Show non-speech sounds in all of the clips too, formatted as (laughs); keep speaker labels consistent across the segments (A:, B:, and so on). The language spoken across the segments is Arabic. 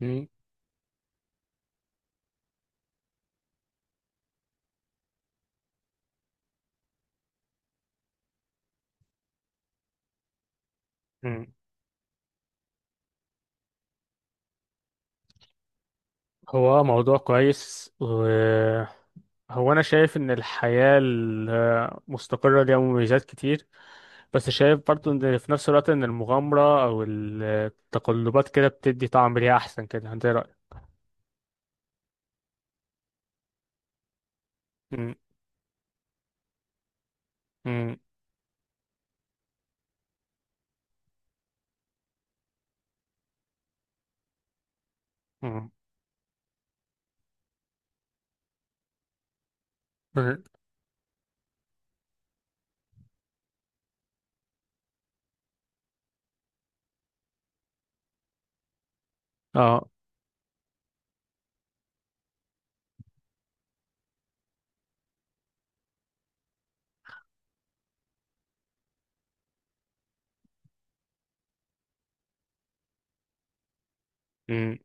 A: مم. مم. هو موضوع كويس أنا شايف إن الحياة المستقرة ليها مميزات كتير، بس شايف برضه إن في نفس الوقت إن المغامرة أو التقلبات كده بتدي طعم ليها أحسن كده. أنت إيه رأيك؟ مم. مم. مم. مم. آه. مم.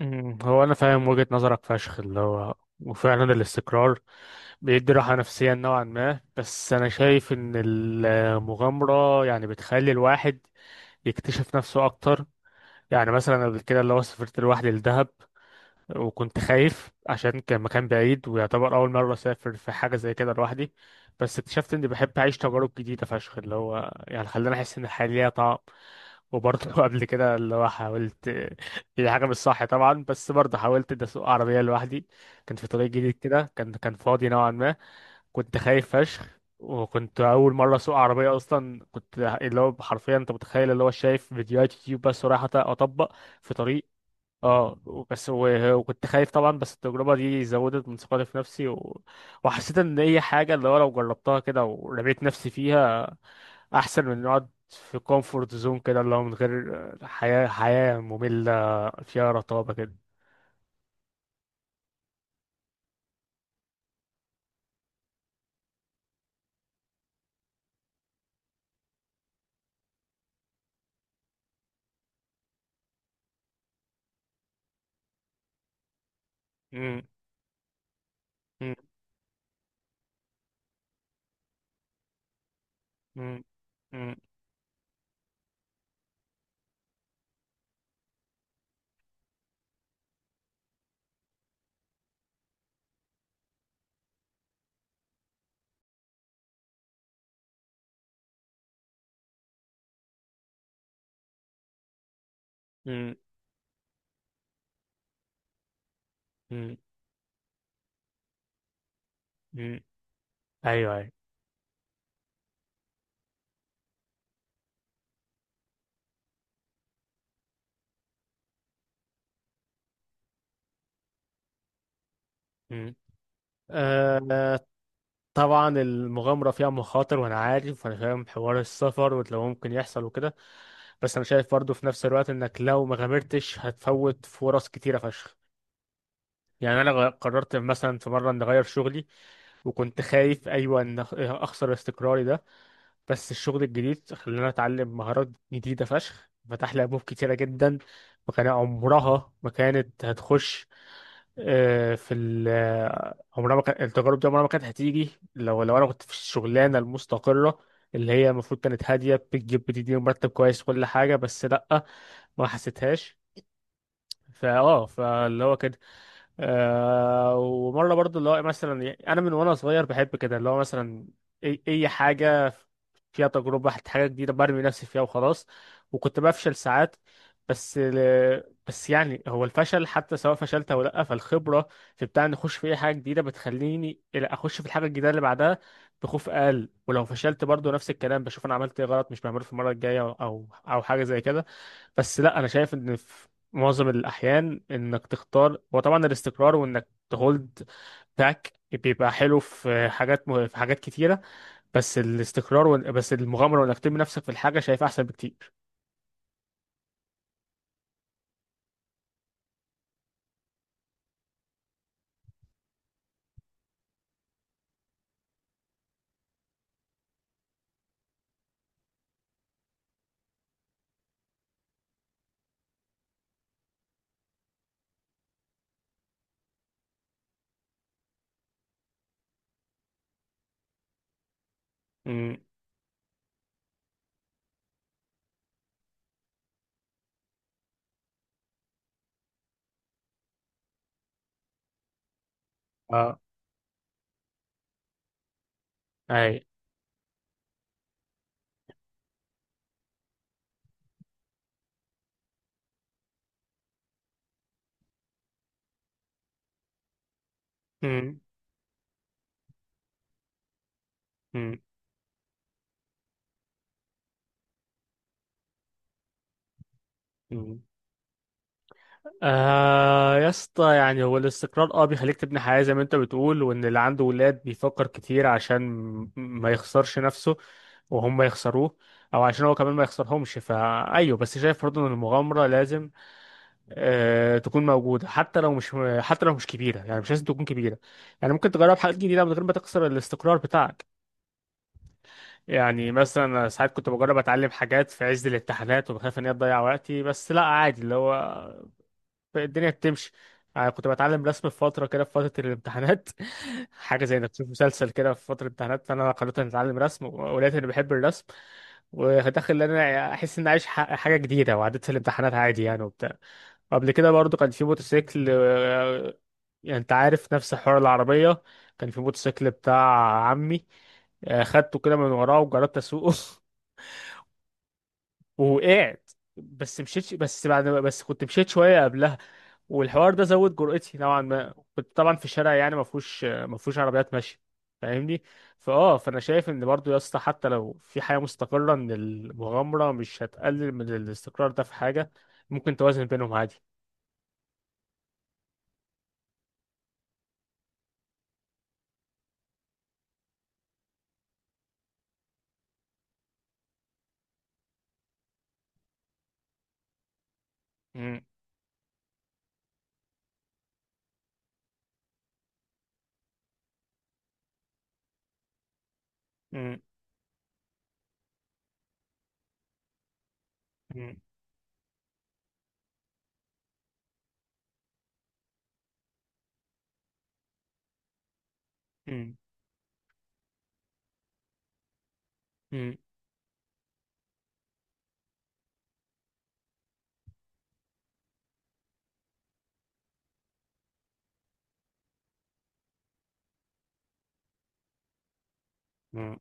A: مم. هو أنا فاهم وجهة نظرك فشخ اللي هو، وفعلا الاستقرار بيدي راحة نفسية نوعا ما، بس أنا شايف إن المغامرة يعني بتخلي الواحد يكتشف نفسه أكتر. يعني مثلا قبل كده اللي هو سافرت لوحدي لدهب، وكنت خايف عشان كان مكان بعيد ويعتبر أول مرة أسافر في حاجة زي كده لوحدي، بس اكتشفت إني بحب أعيش تجارب جديدة فشخ اللي هو، يعني خلاني أحس إن الحياة ليها طعم. وبرضه (laughs) قبل كده اللي هو حاولت، هي حاجة مش صح طبعا بس برضه حاولت إني أسوق عربية لوحدي. كان في طريق جديد كده، كان فاضي نوعا ما. كنت خايف فشخ، وكنت اول مره اسوق عربيه اصلا، كنت اللي هو حرفيا انت متخيل اللي هو شايف فيديوهات يوتيوب بس ورايح اطبق في طريق. اه بس وكنت خايف طبعا، بس التجربة دي زودت من ثقتي في نفسي وحسيت ان هي حاجة اللي هو لو جربتها كده ورميت نفسي فيها احسن من نقعد في كومفورت زون كده اللي هو من غير حياة مملة فيها رطابة كده. مم، مم، مم، مم، مم، مم، مم. ايوه، ايوه. مم. آه، طبعا المغامرة فيها مخاطر وانا عارف وانا فاهم حوار السفر واللي هو ممكن يحصل وكده، بس انا شايف برضه في نفس الوقت انك لو ما غامرتش هتفوت فرص كتيره فشخ. يعني انا قررت مثلا في مره ان اغير شغلي، وكنت خايف ايوه ان اخسر استقراري ده، بس الشغل الجديد خلاني اتعلم مهارات جديده فشخ، فتح لي ابواب كتيره جدا. وكان عمرها ما كانت هتخش، آه، في ال آه، عمرها ما كان التجارب دي عمرها ما كانت هتيجي لو انا كنت في الشغلانه المستقره اللي هي المفروض كانت هاديه بتجيب بتديني مرتب كويس كل حاجه، بس لا، ما حسيتهاش. فاللي هو كان، ومره برضو اللي هو مثلا، يعني انا من وانا صغير بحب كده اللي هو مثلا أي حاجه فيها تجربه حاجه جديده برمي نفسي فيها وخلاص، وكنت بفشل ساعات. بس بس يعني هو الفشل حتى سواء فشلت او لا، فالخبره في بتاع ان اخش في اي حاجه جديده بتخليني إلى اخش في الحاجه الجديده اللي بعدها بخوف اقل. ولو فشلت برضو نفس الكلام، بشوف انا عملت ايه غلط مش بعمله في المره الجايه، او حاجه زي كده. بس لا انا شايف ان معظم الأحيان إنك تختار، وطبعا الاستقرار وإنك تهولد باك بيبقى حلو في في حاجات كتيرة، بس الاستقرار، بس المغامرة وإنك ترمي نفسك في الحاجة شايفها أحسن بكتير. امم. اه. أي. امم. امم. امم. آه يا اسطى، يعني هو الاستقرار اه بيخليك تبني حياة زي ما انت بتقول، وان اللي عنده ولاد بيفكر كتير عشان ما يخسرش نفسه وهم يخسروه، او عشان هو كمان ما يخسرهمش. فايوه، بس شايف برضه ان المغامرة لازم تكون موجودة حتى لو مش حتى لو مش كبيرة، يعني مش لازم تكون كبيرة. يعني ممكن تجرب حاجات جديدة من غير ما تكسر الاستقرار بتاعك. يعني مثلا أنا ساعات كنت بجرب اتعلم حاجات في عز الامتحانات وبخاف ان هي تضيع وقتي، بس لا عادي اللي هو الدنيا بتمشي. يعني كنت بتعلم رسم في فترة كده في فترة الامتحانات، (laughs) حاجة زي انك تشوف مسلسل كده في فترة الامتحانات، فانا قررت اني اتعلم رسم ولقيت اني بحب الرسم، وداخل ان انا احس اني عايش حاجة جديدة، وعديت في الامتحانات عادي يعني وبتاع. قبل كده برضو كان في موتوسيكل، يعني انت عارف نفس حوار العربية، كان في موتوسيكل بتاع عمي، خدته كده من وراه وجربت اسوقه. (laughs) ووقعت. بس مشيت، بس بعد بس كنت مشيت شوية قبلها. والحوار ده زود جرأتي نوعا ما، كنت طبعا في شارع يعني ما فيهوش عربيات ماشية، فاهمني. فانا شايف ان برضو يا اسطى حتى لو في حياة مستقرة ان المغامرة مش هتقلل من الاستقرار، ده في حاجة ممكن توازن بينهم عادي. مم. مم. مم. مم. مم.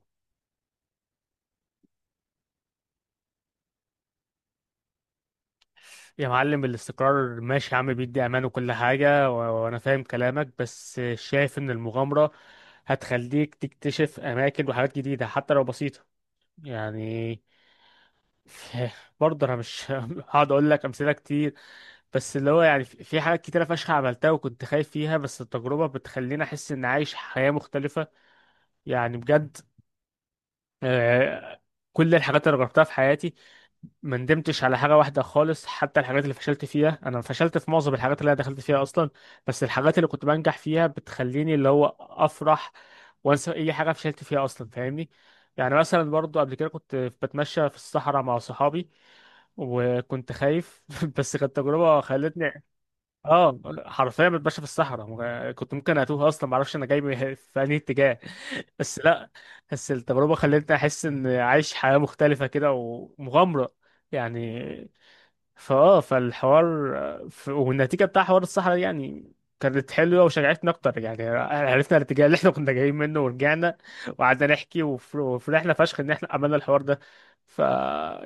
A: يا معلم الاستقرار ماشي يا عم بيدي امان وكل حاجه، وانا فاهم كلامك، بس شايف ان المغامره هتخليك تكتشف اماكن وحاجات جديده حتى لو بسيطه. يعني (laughs) برضه انا مش (laughs) هقعد اقول لك امثله كتير. بس اللي هو يعني في في حاجات كتيره فشخ عملتها وكنت خايف فيها، بس التجربه بتخليني احس اني عايش حياه مختلفه، يعني بجد. آه، كل الحاجات اللي جربتها في حياتي ما ندمتش على حاجة واحدة خالص. حتى الحاجات اللي فشلت فيها، أنا فشلت في معظم الحاجات اللي أنا دخلت فيها أصلا، بس الحاجات اللي كنت بنجح فيها بتخليني اللي هو أفرح وأنسى أي حاجة فشلت فيها أصلا، فاهمني. يعني مثلا برضو قبل كده كنت بتمشى في الصحراء مع صحابي وكنت خايف، (laughs) بس كانت تجربة خلتني. اه، حرفيا بتمشى في الصحراء كنت ممكن اتوه اصلا ما اعرفش انا جاي في انهي اتجاه. (laughs) بس لا، بس التجربه خلتني احس ان عايش حياه مختلفه كده ومغامره، يعني. فالحوار، والنتيجه بتاع حوار الصحراء دي يعني كانت حلوه وشجعتني اكتر يعني. عرفنا الاتجاه اللي احنا كنا جايين منه ورجعنا، وقعدنا نحكي وفرحنا فشخ ان احنا عملنا الحوار ده. ف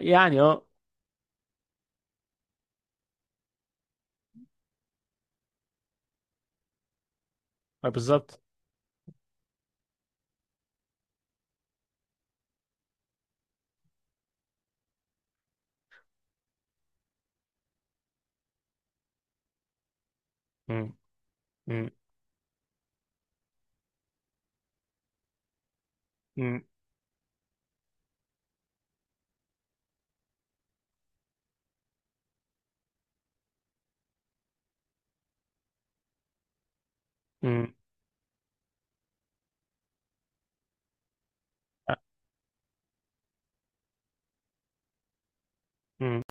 A: يعني بالظبط. مم. مم. مم. مم.